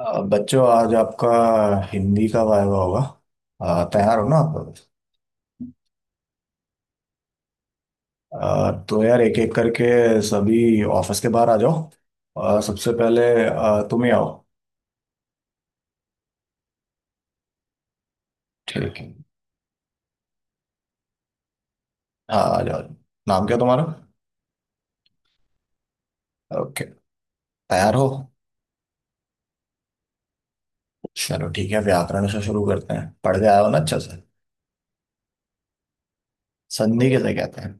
बच्चों, आज आपका हिंदी का वायवा होगा। तैयार हो ना आप? तो यार एक एक करके सभी ऑफिस के बाहर आ जाओ। सबसे पहले तुम ही आओ। ठीक है। हाँ, आ जाओ। नाम क्या तुम्हारा? ओके। तैयार हो? चलो ठीक है, व्याकरण से शुरू करते हैं। पढ़ के आया हो ना अच्छा से? संधि किसे कहते हैं?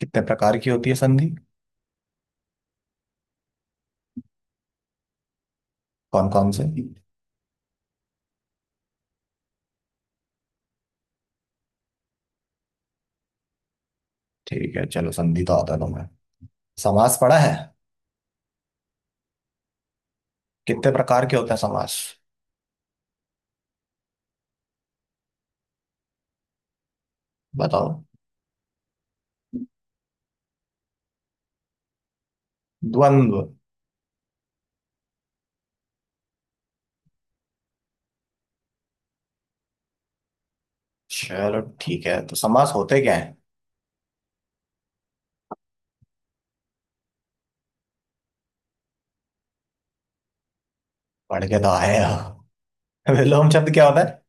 कितने प्रकार की होती है संधि? कौन कौन से? ठीक है, चलो संधि तो आता है तुम्हें। समास पढ़ा है? कितने प्रकार के होते हैं समास? बताओ। द्वंद्व। चलो ठीक है, तो समास होते क्या है? पढ़ के तो आए हो। विलोम शब्द क्या होता है?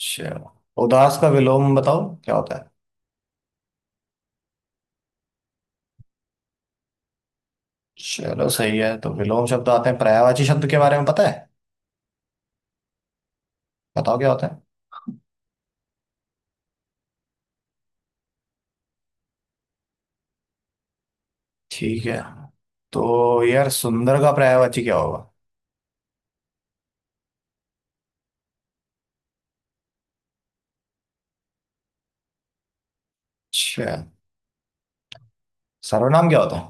चलो, उदास का विलोम बताओ। क्या होता है? चलो सही है, तो विलोम शब्द आते हैं। पर्यायवाची शब्द के बारे में पता है? बताओ क्या होता है। ठीक है। तो यार, सुंदर का पर्यायवाची क्या होगा? अच्छा। सर्वनाम क्या होता है?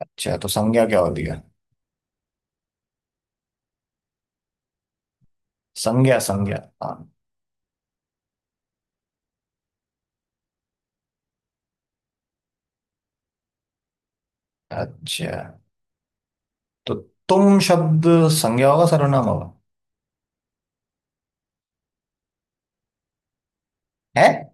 अच्छा, तो संज्ञा क्या होती है? संज्ञा संज्ञा। हाँ। अच्छा, तो तुम शब्द संज्ञा होगा सर्वनाम होगा? है?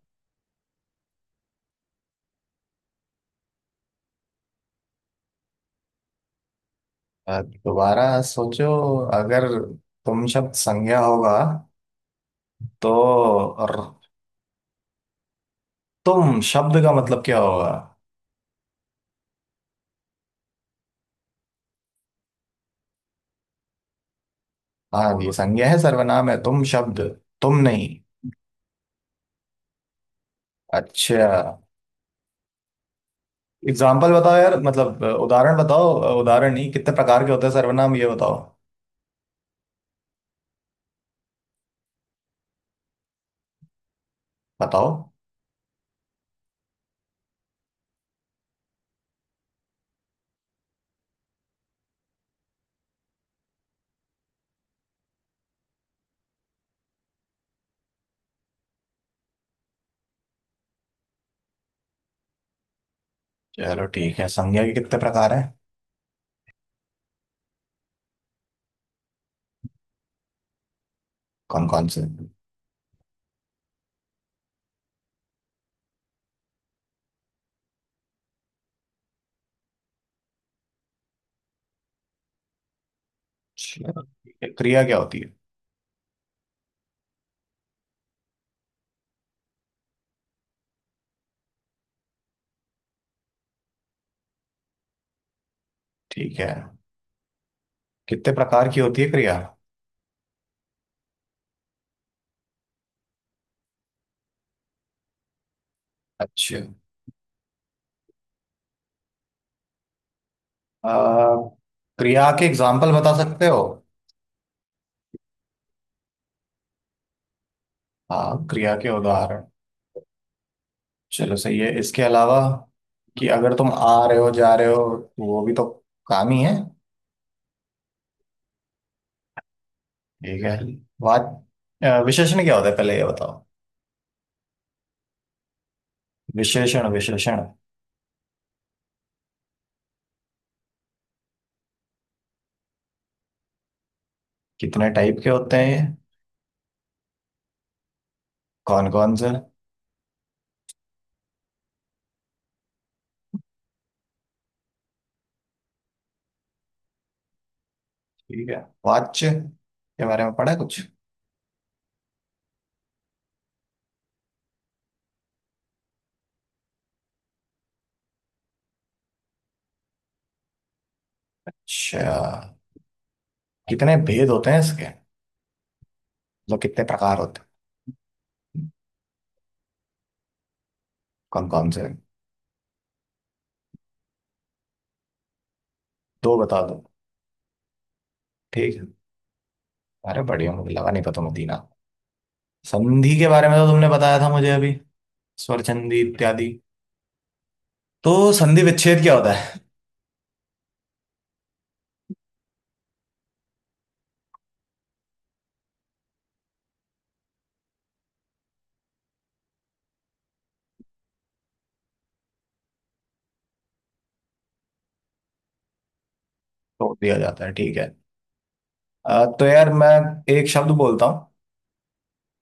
दोबारा सोचो। अगर तुम शब्द संज्ञा होगा, तो र, तुम शब्द का मतलब क्या होगा? हाँ, ये संज्ञा है सर्वनाम है तुम शब्द? तुम नहीं? अच्छा। एग्जाम्पल बताओ यार, मतलब उदाहरण बताओ, उदाहरण नहीं, कितने प्रकार के होते हैं सर्वनाम ये बताओ। बताओ। चलो ठीक है, संज्ञा के कितने प्रकार हैं? कौन कौन से? अच्छा, ठीक है, क्रिया क्या होती है? ठीक है। कितने प्रकार की होती है क्रिया? अच्छा। आ, क्रिया के एग्जाम्पल बता सकते हो? हाँ, क्रिया के उदाहरण। चलो सही है, इसके अलावा कि अगर तुम आ रहे हो जा रहे हो तो वो भी तो काम ही है। ठीक है। बात। विशेषण क्या होता है पहले ये बताओ। विशेषण विशेषण। कितने टाइप के होते हैं ये? कौन कौन से? ठीक है। वाच्य के बारे में पढ़ा है कुछ? अच्छा। कितने भेद होते हैं इसके? मतलब कितने प्रकार होते हैं? कौन कौन से? दो बता दो। ठीक है। अरे बढ़िया, मुझे लगा नहीं पता मुदीना। संधि के बारे में तो तुमने बताया था मुझे अभी, स्वरचंदी इत्यादि। तो संधि विच्छेद क्या होता है? तोड़ दिया जाता है, ठीक है। तो यार, मैं एक शब्द बोलता हूँ।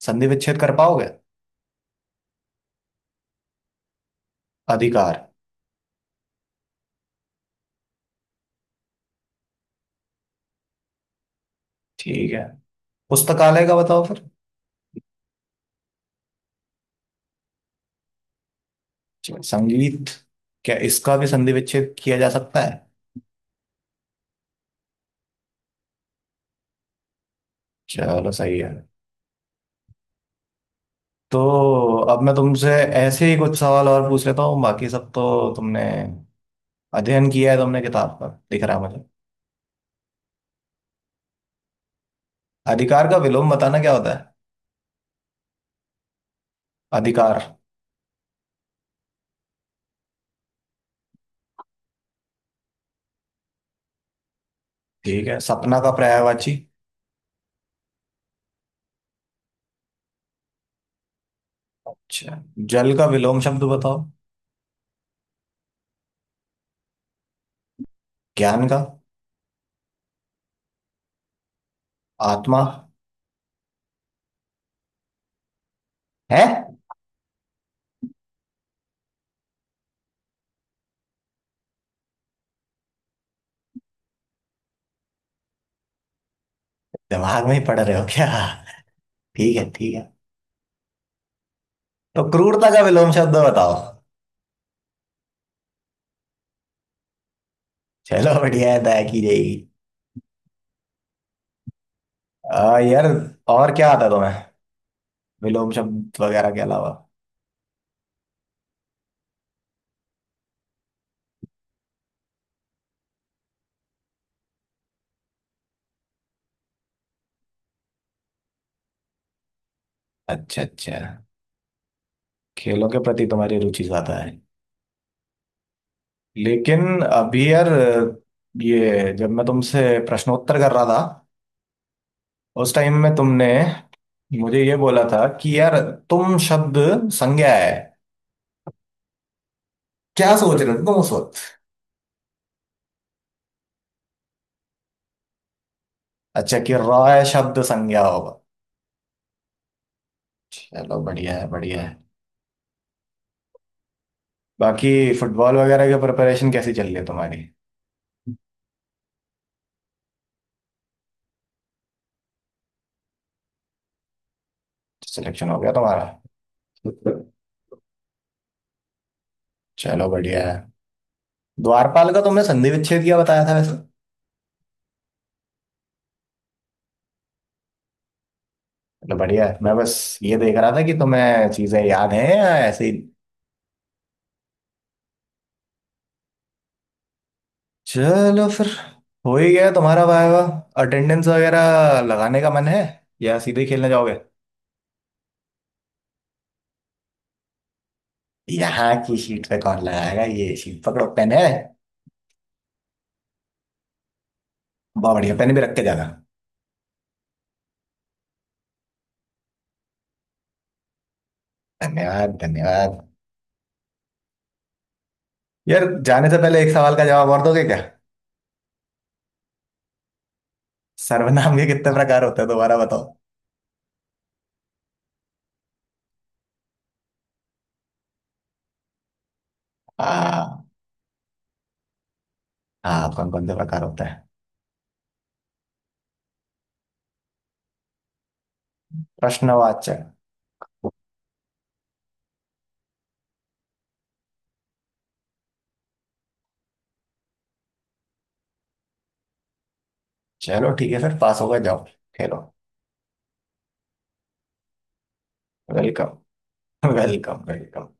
संधि विच्छेद कर पाओगे? अधिकार। ठीक है। पुस्तकालय का बताओ फिर। चलो, संगीत। क्या इसका भी संधि विच्छेद किया जा सकता है? चलो सही है। तो अब मैं तुमसे ऐसे ही कुछ सवाल और पूछ लेता हूँ, बाकी सब तो तुमने अध्ययन किया है, तुमने किताब पर दिख रहा है मुझे। अधिकार का विलोम बताना क्या होता है? अधिकार। ठीक है। सपना का पर्यायवाची? अच्छा। जल का विलोम शब्द बताओ। ज्ञान का? आत्मा। है? दिमाग में ही पढ़ रहे हो क्या? ठीक है, ठीक है। तो क्रूरता का विलोम शब्द बताओ। चलो बढ़िया है, दया की जाएगी। यार, और क्या आता है तुम्हें विलोम शब्द वगैरह के अलावा? अच्छा, अच्छा। खेलों के प्रति तुम्हारी रुचि ज्यादा है। लेकिन अभी यार, ये जब मैं तुमसे प्रश्नोत्तर कर रहा था, उस टाइम में तुमने मुझे ये बोला था कि यार, तुम शब्द संज्ञा है। क्या सोच रहे हो तुम उस वक्त? अच्छा, कि रॉय शब्द संज्ञा होगा। चलो बढ़िया है, बढ़िया है। बाकी फुटबॉल वगैरह की प्रिपरेशन कैसी चल रही है तुम्हारी? सिलेक्शन हो गया तुम्हारा? चलो बढ़िया है। द्वारपाल का तुमने संधि विच्छेद किया बताया था वैसे? चलो बढ़िया है, मैं बस ये देख रहा था कि तुम्हें चीजें याद हैं या ऐसे ही। चलो फिर, हो ही गया तुम्हारा वाइवा। अटेंडेंस वगैरह लगाने का मन है या सीधे खेलने जाओगे? यहाँ की सीट पे कौन लगाएगा? ये सीट पकड़ो, पेन है? बहुत बढ़िया, पेन भी रख के जाना। धन्यवाद, धन्यवाद। यार जाने से पहले एक सवाल का जवाब और दोगे क्या? सर्वनाम के कितने प्रकार होते हैं दोबारा बताओ। हाँ। हाँ, कौन कौन से प्रकार होते हैं? प्रश्नवाचक। चलो ठीक है, फिर पास हो गए, जाओ। खेलो। Welcome, welcome, welcome.